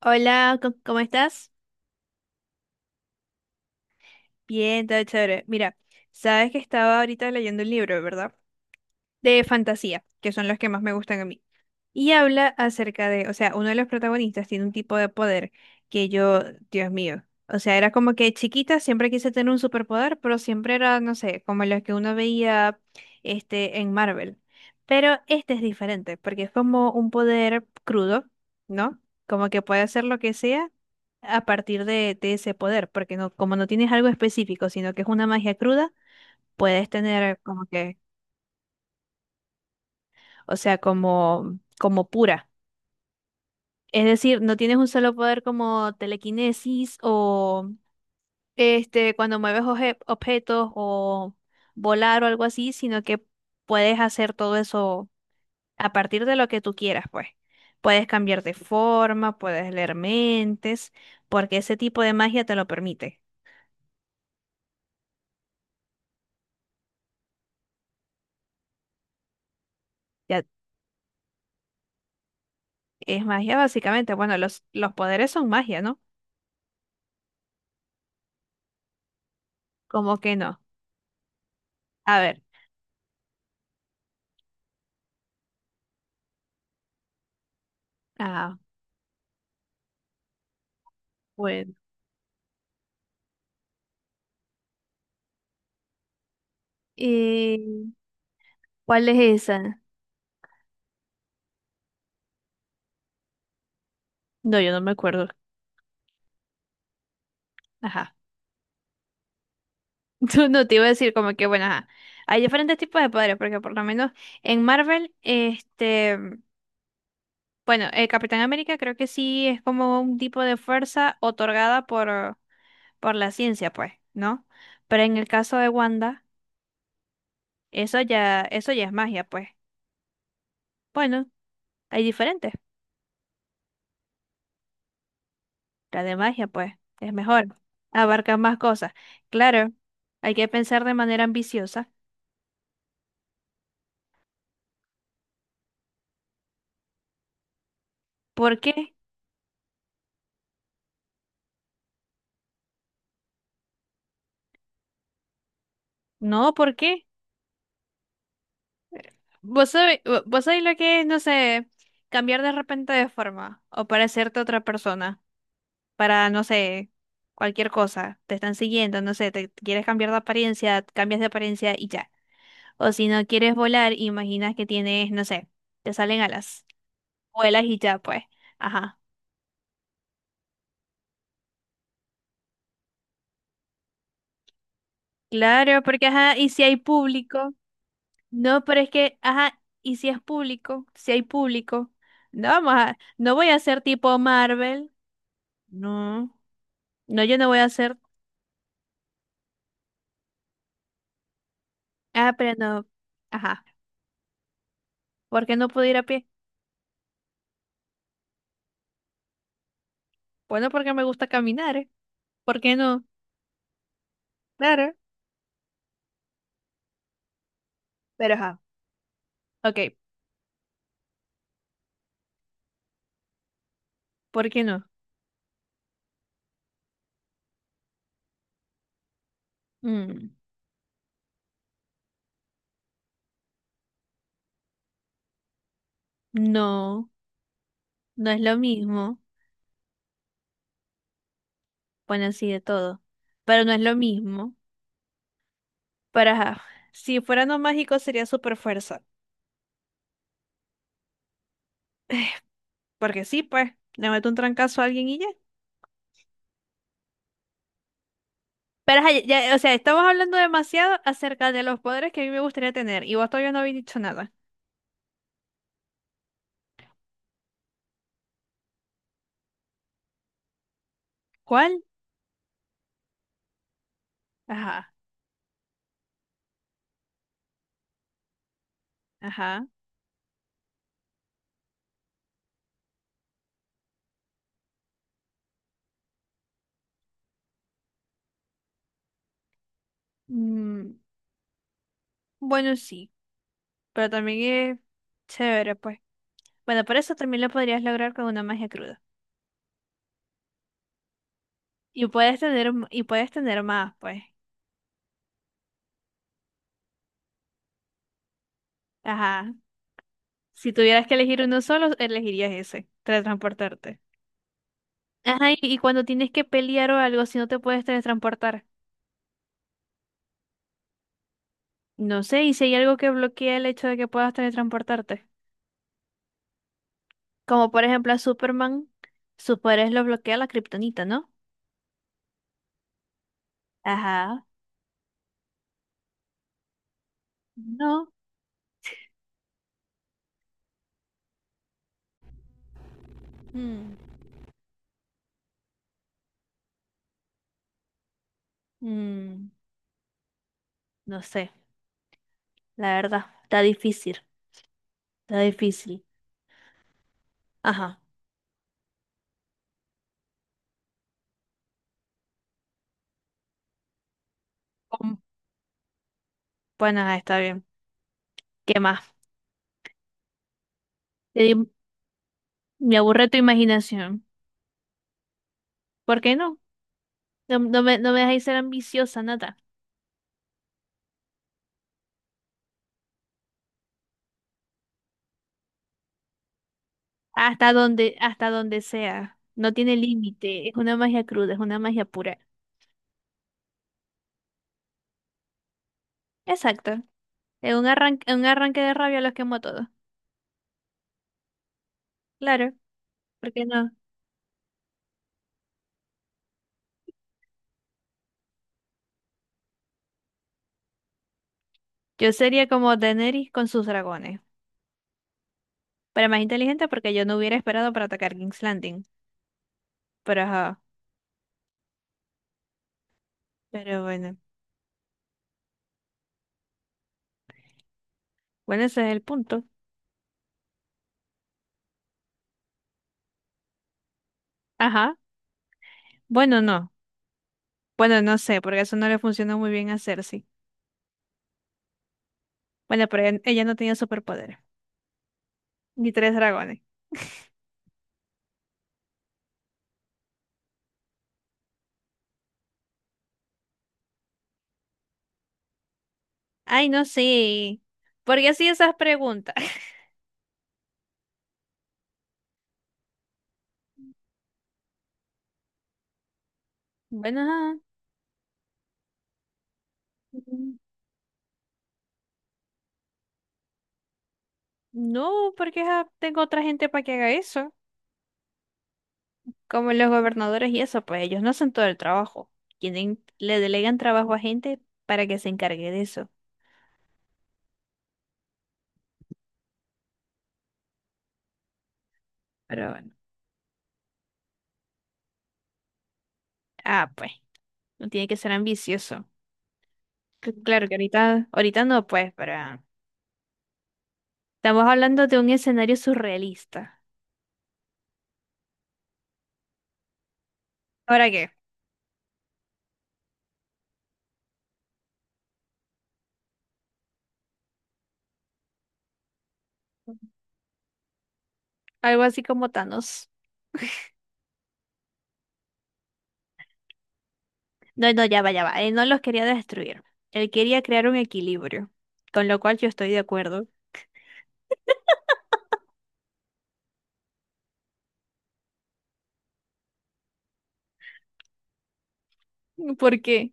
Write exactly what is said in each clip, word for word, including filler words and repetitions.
Hola, co- ¿cómo estás? Bien, todo chévere. Mira, sabes que estaba ahorita leyendo un libro, ¿verdad? De fantasía, que son los que más me gustan a mí. Y habla acerca de, o sea, uno de los protagonistas tiene un tipo de poder que yo, Dios mío, o sea, era como que chiquita siempre quise tener un superpoder, pero siempre era, no sé, como los que uno veía este en Marvel. Pero este es diferente, porque es como un poder crudo, ¿no? Como que puede hacer lo que sea a partir de, de ese poder, porque no, como no tienes algo específico, sino que es una magia cruda, puedes tener como que o sea, como, como pura. Es decir, no tienes un solo poder como telequinesis o este, cuando mueves oje- objetos o volar o algo así, sino que puedes hacer todo eso a partir de lo que tú quieras, pues. Puedes cambiar de forma, puedes leer mentes, porque ese tipo de magia te lo permite. Ya es magia básicamente. Bueno, los, los poderes son magia, ¿no? ¿Como que no? A ver. Ah, bueno. Eh, ¿cuál es esa? No, yo no me acuerdo. Ajá. No, no, te iba a decir como que, bueno, ajá. Hay diferentes tipos de padres, porque por lo menos en Marvel, este, bueno, el Capitán América creo que sí es como un tipo de fuerza otorgada por, por la ciencia, pues, ¿no? Pero en el caso de Wanda, eso ya, eso ya es magia, pues. Bueno, hay diferentes. La de magia, pues, es mejor. Abarca más cosas. Claro, hay que pensar de manera ambiciosa. ¿Por qué? No, ¿por qué? Vos sabés, vo- vos sabés lo que es, no sé, cambiar de repente de forma o parecerte a otra persona para, no sé, cualquier cosa. Te están siguiendo, no sé, te te quieres cambiar de apariencia, cambias de apariencia y ya. O si no quieres volar, imaginas que tienes, no sé, te salen alas, vuelas y ya, pues. Ajá. Claro, porque ajá, y si hay público. No, pero es que, ajá, y si es público, si hay público. No, vamos a- no voy a ser tipo Marvel. No. No, yo no voy a hacer. Ah, pero no. Ajá. ¿Por qué no puedo ir a pie? Bueno, porque me gusta caminar, ¿eh? ¿Por qué no? Claro. Pero ajá. Ok. ¿Por qué no? Mm, no, no es lo mismo. Bueno, sí, de todo. Pero no es lo mismo. Pero ajá. Si fuera no mágico sería super fuerza. Porque sí, pues, le meto un trancazo a alguien y ya. Pero ajá, ya, o sea, estamos hablando demasiado acerca de los poderes que a mí me gustaría tener. Y vos todavía no habéis dicho nada. ¿Cuál? Ajá, ajá. Mm, bueno, sí. Pero también es chévere, pues. Bueno, por eso también lo podrías lograr con una magia cruda. Y puedes tener, m- y puedes tener más, pues. Ajá. Si tuvieras que elegir uno solo, elegirías ese, teletransportarte. Ajá, y, y cuando tienes que pelear o algo, si no te puedes teletransportar. No sé, y si hay algo que bloquea el hecho de que puedas teletransportarte. Como por ejemplo a Superman, sus poderes lo bloquea la kriptonita, ¿no? Ajá. No. Mm. Mm, no sé, la verdad. Está difícil. Está difícil. Ajá. Bueno, ajá, está bien. ¿Qué más? Te di- Me aburre tu imaginación. ¿Por qué no? No, no me, no me dejáis ser ambiciosa, nada. Hasta donde, hasta donde sea. No tiene límite. Es una magia cruda, es una magia pura. Exacto. En un arranque, un arranque de rabia los quemo a todos. Claro, ¿por qué no? Yo sería como Daenerys con sus dragones. Pero más inteligente porque yo no hubiera esperado para atacar King's Landing. Pero ajá. Pero bueno. Bueno, ese es el punto. Ajá. Bueno, no. Bueno, no sé, porque eso no le funcionó muy bien a Cersei. Bueno, pero ella, ella no tenía superpoderes, ni tres dragones. Ay, no sé. ¿Por qué hacía esas preguntas? Bueno, ajá. Mm, no, porque ajá, tengo otra gente para que haga eso. Como los gobernadores y eso, pues ellos no hacen todo el trabajo. Tienen, le delegan trabajo a gente para que se encargue de eso. Pero bueno. Ah, pues, no tiene que ser ambicioso. C- Claro que ahorita, ahorita no, pues, pero estamos hablando de un escenario surrealista. ¿Ahora qué? Algo así como Thanos. No, no, ya va, ya va. Él no los quería destruir. Él quería crear un equilibrio, con lo cual yo estoy de acuerdo. ¿Por qué?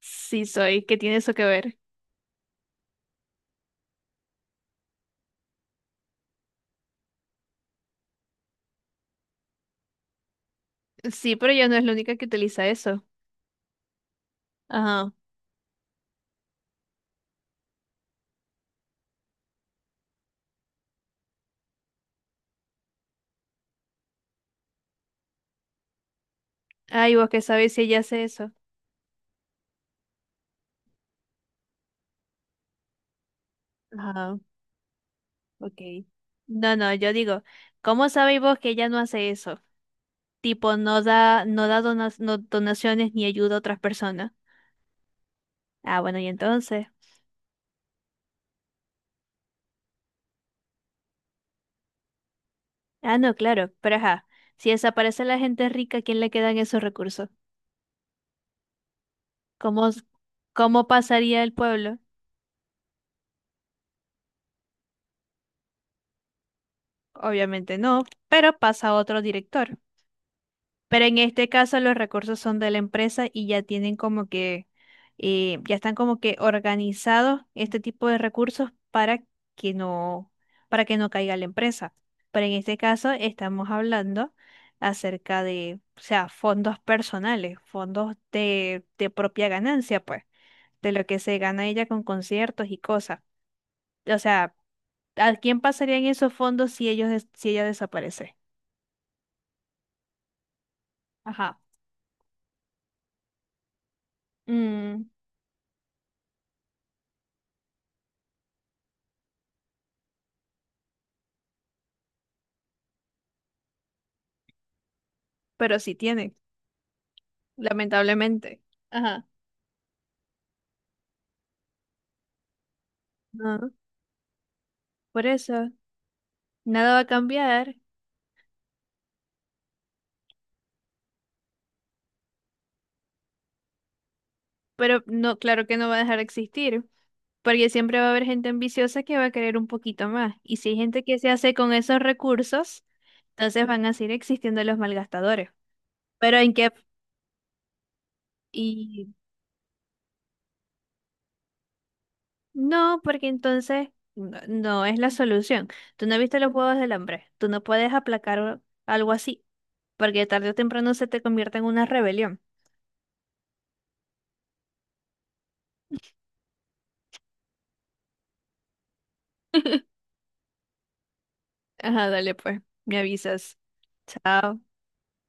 Sí soy, ¿qué tiene eso que ver? Sí, pero ella no es la única que utiliza eso. Ajá. Ay, vos qué sabés si ella hace eso. Ajá, ok. No, no, yo digo, ¿cómo sabéis vos que ella no hace eso? Tipo, no da, no da dona- no- donaciones ni ayuda a otras personas. Ah, bueno, y entonces. Ah, no, claro, pero ajá. Si desaparece la gente rica, ¿a quién le quedan esos recursos? ¿Cómo, s- cómo pasaría el pueblo? Obviamente no, pero pasa otro director. Pero en este caso los recursos son de la empresa y ya tienen como que, eh, ya están como que organizados este tipo de recursos para que no, para que no caiga la empresa. Pero en este caso estamos hablando acerca de, o sea, fondos personales, fondos de, de propia ganancia, pues, de lo que se gana ella con conciertos y cosas. O sea, ¿a quién pasarían esos fondos si ellos des- si ella desaparece? Ajá. Mm, pero sí tiene, lamentablemente. Ajá. Ah, por eso, nada va a cambiar, pero no, claro que no va a dejar de existir, porque siempre va a haber gente ambiciosa que va a querer un poquito más. Y si hay gente que se hace con esos recursos, entonces van a seguir existiendo los malgastadores. Pero en qué, no, porque entonces no, no es la solución. Tú no viste los juegos del hambre. Tú no puedes aplacar algo así, porque tarde o temprano se te convierte en una rebelión. Ajá, dale pues, me avisas. Chao.